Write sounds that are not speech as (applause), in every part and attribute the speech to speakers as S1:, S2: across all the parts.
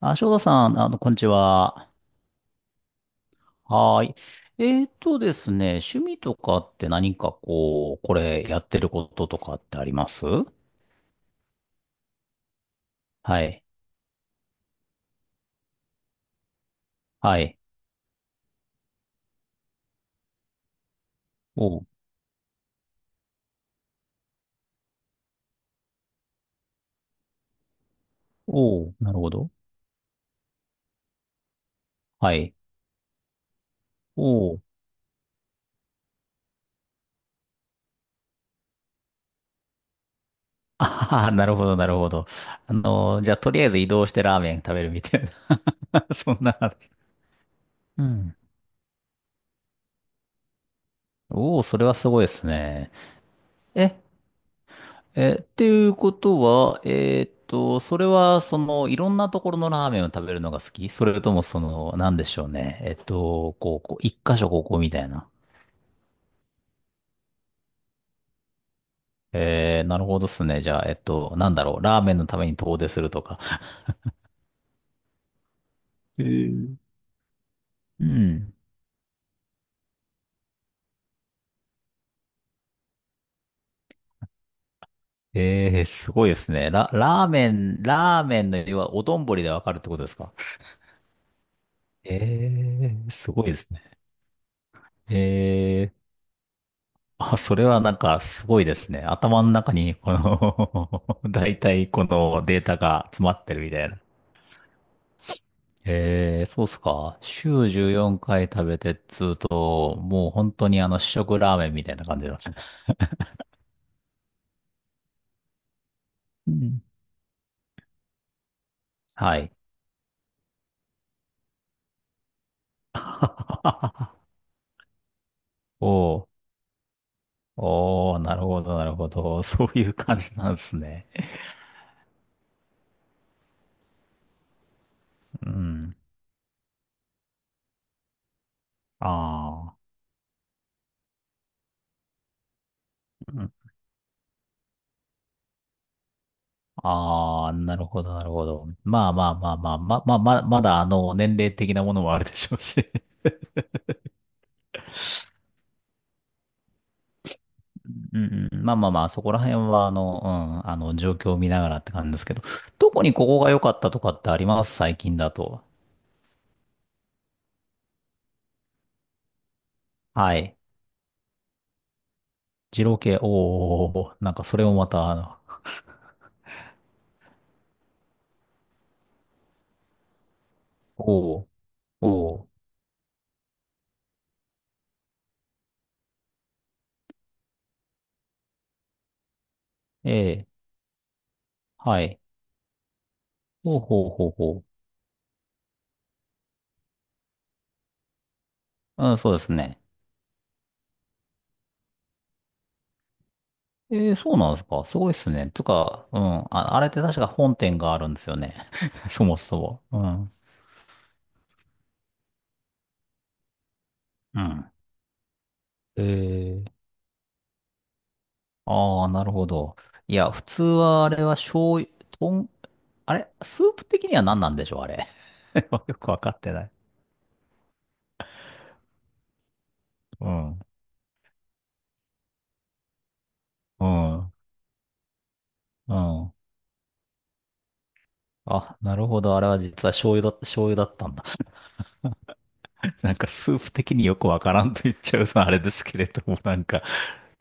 S1: あ、翔太さん、こんにちは。はーい。ですね、趣味とかって何かこれやってることとかってあります？はい。はい。おう、おう、なるほど。はい。おう。(laughs) あはは、なるほど、なるほど。じゃあ、とりあえず移動してラーメン食べるみたいな。(laughs) そんな話。うん。おお、それはすごいですね。え、えー、っていうことは、それは、いろんなところのラーメンを食べるのが好き？それとも、なんでしょうね。一箇所ここみたいな。えー、なるほどっすね。じゃあ、なんだろう。ラーメンのために遠出するとか。えー、うん。えー、すごいですね。ラーメンの要は、お丼でわかるってことですか？えー、すごいですね。えー、あ、それはなんかすごいですね。頭の中に、この (laughs) 大体このデータが詰まってるみたいな。えー、そうっすか。週14回食べてっつうと、もう本当に試食ラーメンみたいな感じですね。うん、はい。(laughs) おー、おー、なるほど、なるほど。そういう感じなんですね。うん。ああ。うん、ああ、なるほど、なるほど。まあ、まだ年齢的なものもあるでしょうし。うんうん、まあまあまあ、そこら辺は、状況を見ながらって感じですけど、特にここが良かったとかってあります？最近だと。はい。二郎系、おー、なんかそれもまた、おー、おー、ええ、はい。ほうほうほうほう。うん、そうですね。ええ、そうなんですか？すごいっすね。とか、うん、あ、あれって確か本店があるんですよね。(laughs) そもそも。うん。うん。ええ、ああ、なるほど。いや、普通はあれは醤油、とん、あれスープ的には何なんでしょう、あれ。(laughs) よくわかってない。うん。うん。うん。あ、なるほど。あれは実は醤油だったんだ。(laughs) なんかスープ的によくわからんと言っちゃうさ、あれですけれども、なんか、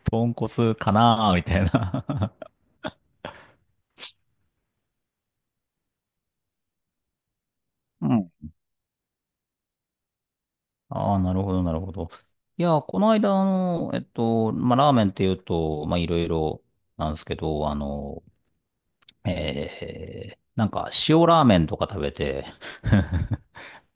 S1: 豚骨かなーみたいな。(laughs) うん。(laughs) ああ、なるほど、なるほど。いや、この間、ラーメンっていうと、まあ、いろいろなんですけど、なんか塩ラーメンとか食べて (laughs)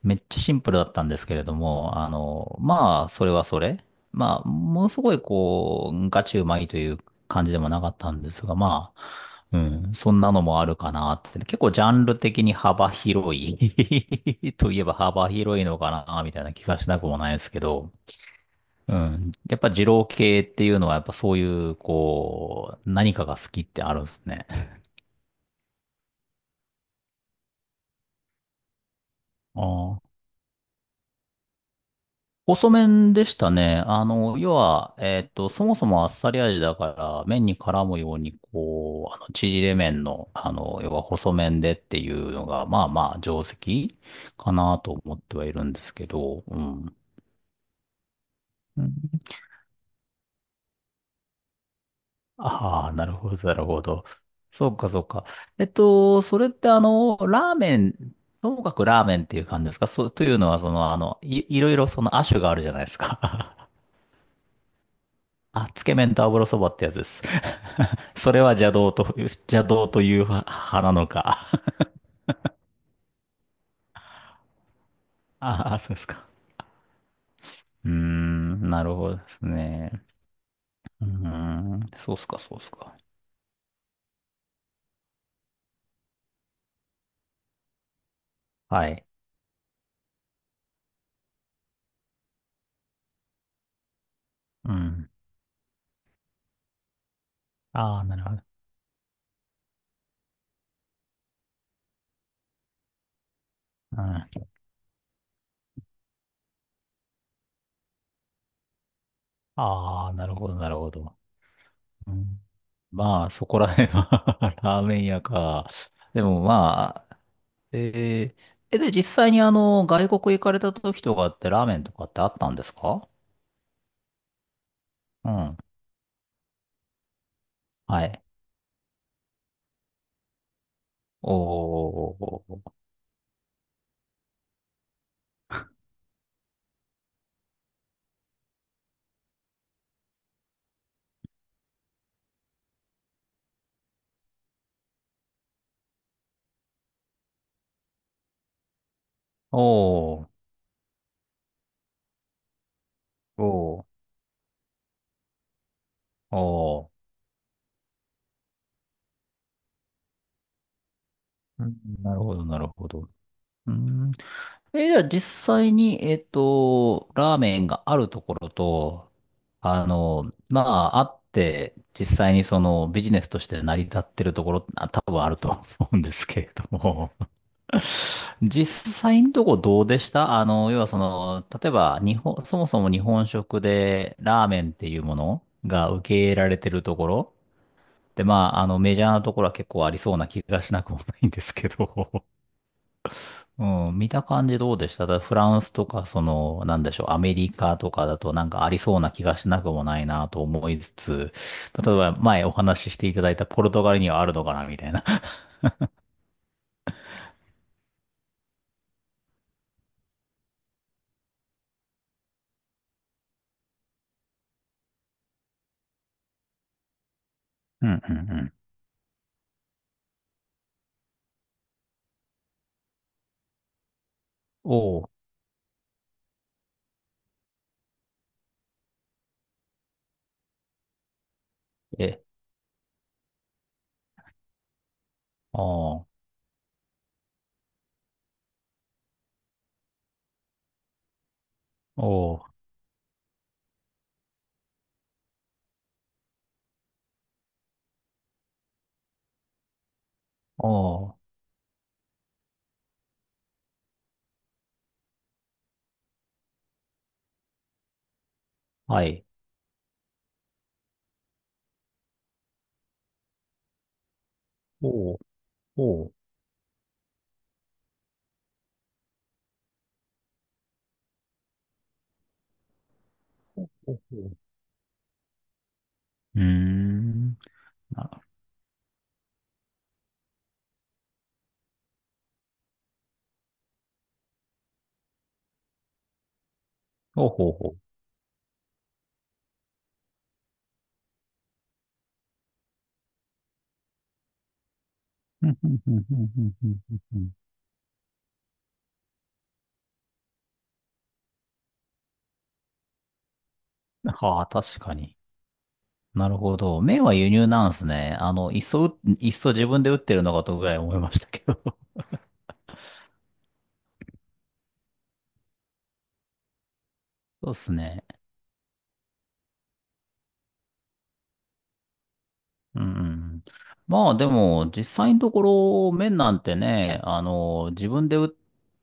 S1: めっちゃシンプルだったんですけれども、あの、まあ、それはそれ。まあ、ものすごいこう、ガチうまいという感じでもなかったんですが、まあ、うん、そんなのもあるかなって。結構ジャンル的に幅広い (laughs) といえば幅広いのかな、みたいな気がしなくもないですけど、うん。やっぱ二郎系っていうのはやっぱそういう、こう、何かが好きってあるんですね。ああ。細麺でしたね。要は、そもそもあっさり味だから、麺に絡むように、縮れ麺の、要は細麺でっていうのが、まあ、定石かなと思ってはいるんですけど、うん。ああー、なるほど、なるほど。そうか、そうか。それってあの、ラーメン、ともかくラーメンっていう感じですか？そう、というのは、いろいろその亜種があるじゃないですか。あ、つけ麺と油そばってやつです。(laughs) それは邪道という派なのか。ああ、そうですか。うーん、なるほどですね。うーん、そうっすか、そうっすか。はい。うん。ああ、なるほど。うん。ああ、なるほど、なるほど。うん、まあ、そこら辺は (laughs) ラーメン屋か。でもまあ、えー、え、で、実際に外国行かれた時とかってラーメンとかってあったんですか？うん。はい。おー。おー、おー、おー。うん、なるほど、なるほど。うん。え、じゃあ実際に、ラーメンがあるところと、あって、実際にそのビジネスとして成り立ってるところ、あ、多分あると思うんですけれども、(laughs) 実際のとこどうでした？要はその、例えば日本、そもそも日本食でラーメンっていうものが受け入れられてるところで、まあ、メジャーなところは結構ありそうな気がしなくもないんですけど、(laughs) うん、見た感じどうでした？だからフランスとか、その、なんでしょう、アメリカとかだとなんかありそうな気がしなくもないなと思いつつ、例えば前お話ししていただいたポルトガルにはあるのかなみたいな。(laughs) うんうんうん。おう、え、ああ、おう、おう、はい、おう、おう、おう、おう、うーん、な、おうほうほう。ふんうんうんうんうんうんうん、はあ、確かに。なるほど。麺は輸入なんですね。いっそ自分で打ってるのかとぐらい思いましたけど。(laughs) そうですね。うんうん。まあでも、実際のところ、麺なんてね、自分で打っ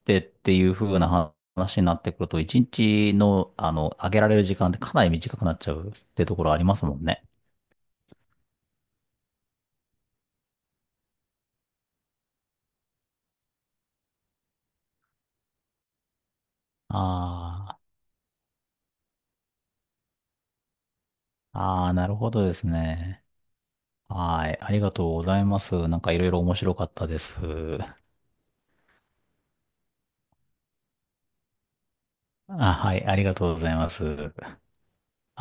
S1: てっていう風な話になってくると、一日の、揚げられる時間ってかなり短くなっちゃうってところありますもんね。ああ、ああ、なるほどですね。はい。ありがとうございます。なんかいろいろ面白かったです。あ、はい。ありがとうございます。